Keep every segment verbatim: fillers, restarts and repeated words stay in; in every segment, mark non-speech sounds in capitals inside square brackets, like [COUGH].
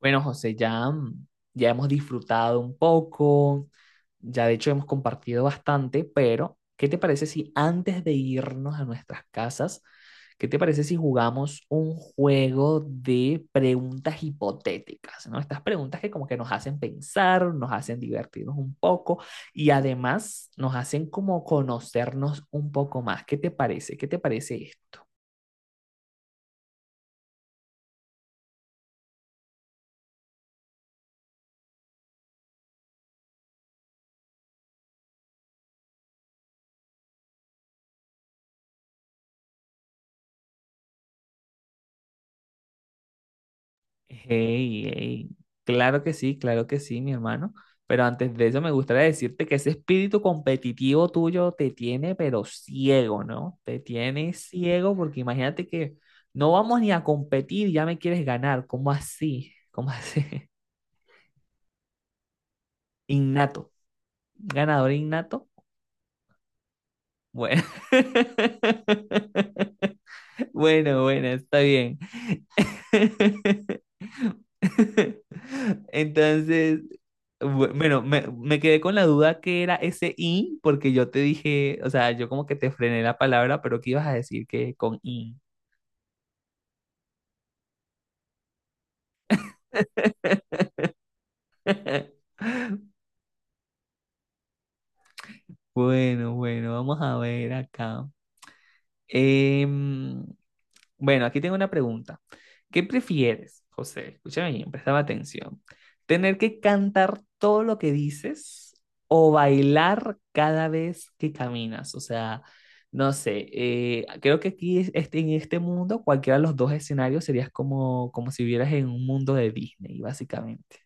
Bueno, José, ya, mm, ya hemos disfrutado un poco, ya de hecho hemos compartido bastante, pero ¿qué te parece si antes de irnos a nuestras casas, qué te parece si jugamos un juego de preguntas hipotéticas, ¿no? Estas preguntas que como que nos hacen pensar, nos hacen divertirnos un poco y además nos hacen como conocernos un poco más. ¿Qué te parece? ¿Qué te parece esto? Hey, hey, claro que sí, claro que sí, mi hermano. Pero antes de eso me gustaría decirte que ese espíritu competitivo tuyo te tiene, pero ciego, ¿no? Te tiene ciego porque imagínate que no vamos ni a competir, ya me quieres ganar. ¿Cómo así? ¿Cómo así? [LAUGHS] Innato. ¿Ganador innato? Bueno. [LAUGHS] Bueno, bueno, está bien. [LAUGHS] [LAUGHS] Entonces, bu- bueno, me, me quedé con la duda que era ese in, porque yo te dije, o sea, yo como que te frené la palabra, pero que ibas a decir que con in. [LAUGHS] Bueno, bueno, vamos a ver acá. Em, Bueno, aquí tengo una pregunta. ¿Qué prefieres, José? Escúchame bien, prestaba atención. ¿Tener que cantar todo lo que dices o bailar cada vez que caminas? O sea, no sé, eh, creo que aquí es- este- en este mundo cualquiera de los dos escenarios serías como, como si vivieras en un mundo de Disney, básicamente.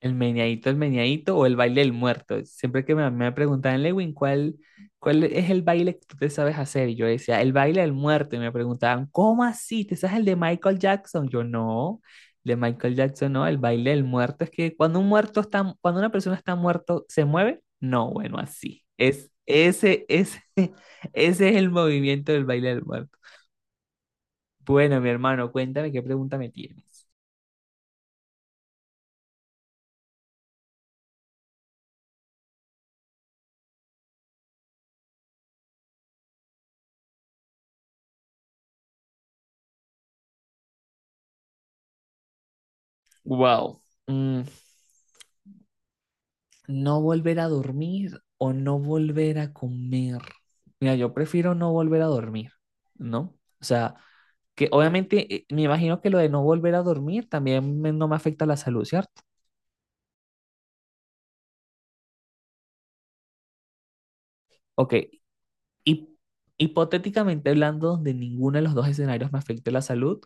El meneadito, el meneadito o el baile del muerto. Siempre que me, me preguntaban, Lewin, ¿cuál, cuál es el baile que tú te sabes hacer? Y yo decía, el baile del muerto. Y me preguntaban, ¿cómo así? ¿Te sabes el de Michael Jackson? Yo no, el de Michael Jackson no, el baile del muerto es que cuando un muerto está, cuando una persona está muerto, ¿se mueve? No, bueno, así. Es, ese, ese, [LAUGHS] ese es el movimiento del baile del muerto. Bueno, mi hermano, cuéntame qué pregunta me tienes. Wow. Mm, no volver a dormir o no volver a comer. Mira, yo prefiero no volver a dormir, ¿no? O sea, que obviamente eh, me imagino que lo de no volver a dormir también me- no me afecta la salud, ¿cierto? Ok, Hip- Hipotéticamente hablando, donde ninguno de los dos escenarios me afecte la salud,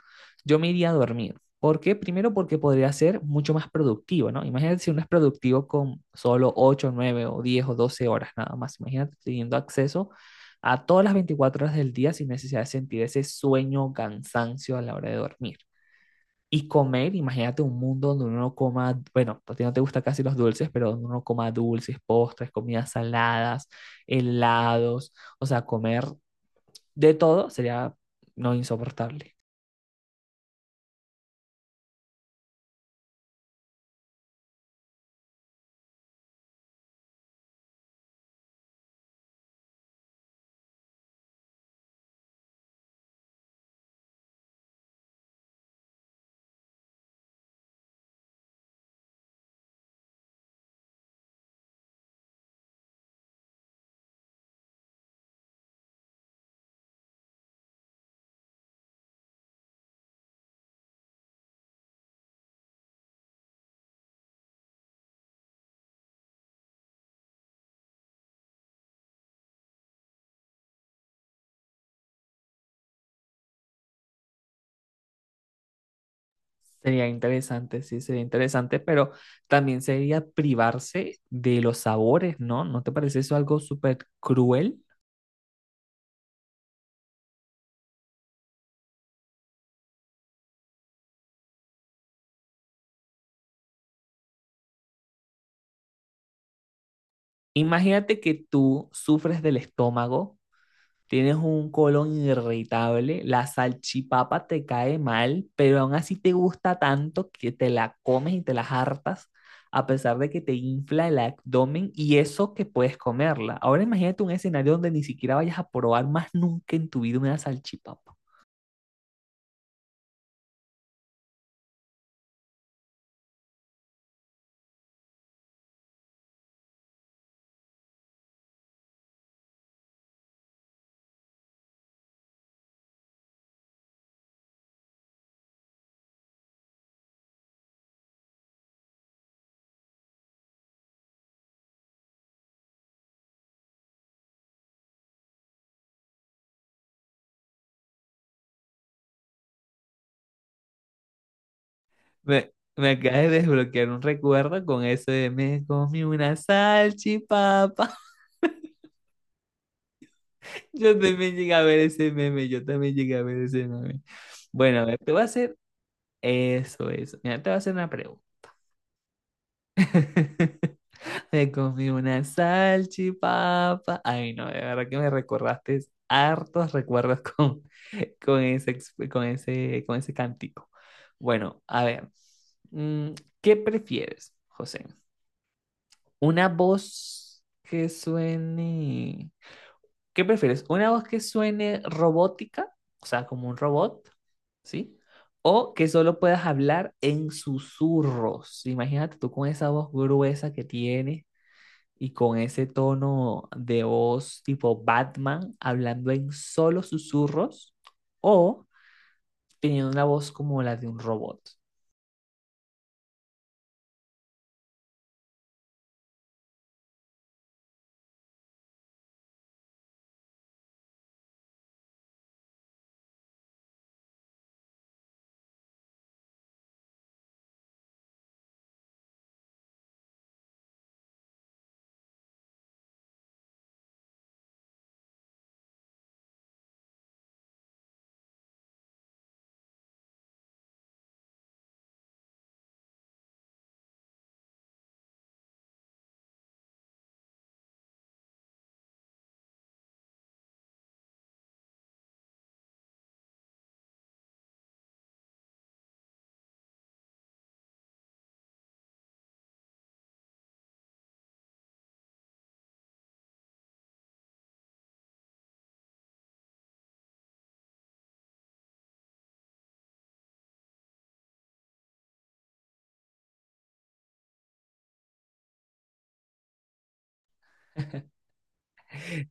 yo me iría a dormir. ¿Por qué? Primero porque podría ser mucho más productivo, ¿no? Imagínate si uno es productivo con solo ocho, nueve o diez o doce horas nada más. Imagínate teniendo acceso a todas las veinticuatro horas del día sin necesidad de sentir ese sueño o cansancio a la hora de dormir. Y comer, imagínate un mundo donde uno no coma, bueno, a ti no te gustan casi los dulces, pero donde uno coma dulces, postres, comidas saladas, helados, o sea, comer de todo sería no insoportable. Sería interesante, sí, sería interesante, pero también sería privarse de los sabores, ¿no? ¿No te parece eso algo súper cruel? Imagínate que tú sufres del estómago. Tienes un colon irritable, la salchipapa te cae mal, pero aún así te gusta tanto que te la comes y te las hartas, a pesar de que te infla el abdomen y eso que puedes comerla. Ahora imagínate un escenario donde ni siquiera vayas a probar más nunca en tu vida una salchipapa. Me, me acabas de desbloquear un recuerdo con eso de me comí una salchipapa. [LAUGHS] Yo también llegué a ver ese meme, yo también llegué a ver ese meme. Bueno, a ver, te voy a hacer eso, eso. Mira, te voy a hacer una pregunta. [LAUGHS] Me comí una salchipapa. Ay, no, de verdad que me recordaste hartos recuerdos [LAUGHS] con, con ese, ex- con ese, con ese cántico. Bueno, a ver, mm, ¿qué prefieres, José? ¿Una voz que suene ¿Qué prefieres? ¿Una voz que suene robótica? O sea, como un robot, ¿sí? O que solo puedas hablar en susurros. Imagínate tú con esa voz gruesa que tienes y con ese tono de voz tipo Batman hablando en solo susurros o teniendo una voz como la de un robot.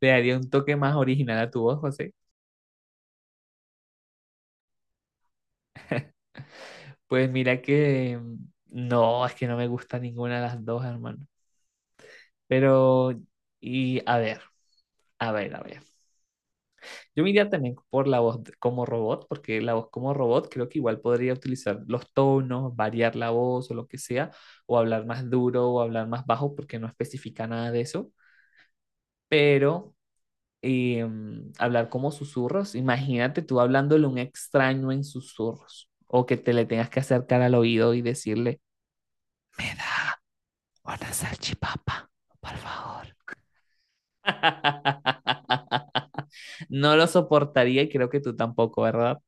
Le daría un toque más original a tu voz, José. Pues mira que mm, no, es que no me gusta ninguna de las dos, hermano. Pero, y a ver, a ver, a ver. Yo me iría también por la voz de- como robot, porque la voz como robot creo que igual podría utilizar los tonos, variar la voz o lo que sea, o hablar más duro o hablar más bajo, porque no especifica nada de eso. Pero eh, hablar como susurros, imagínate tú hablándole a un extraño en susurros, o que te le tengas que acercar al oído y decirle, me da una salchipapa, por favor. [LAUGHS] No lo soportaría y creo que tú tampoco, ¿verdad?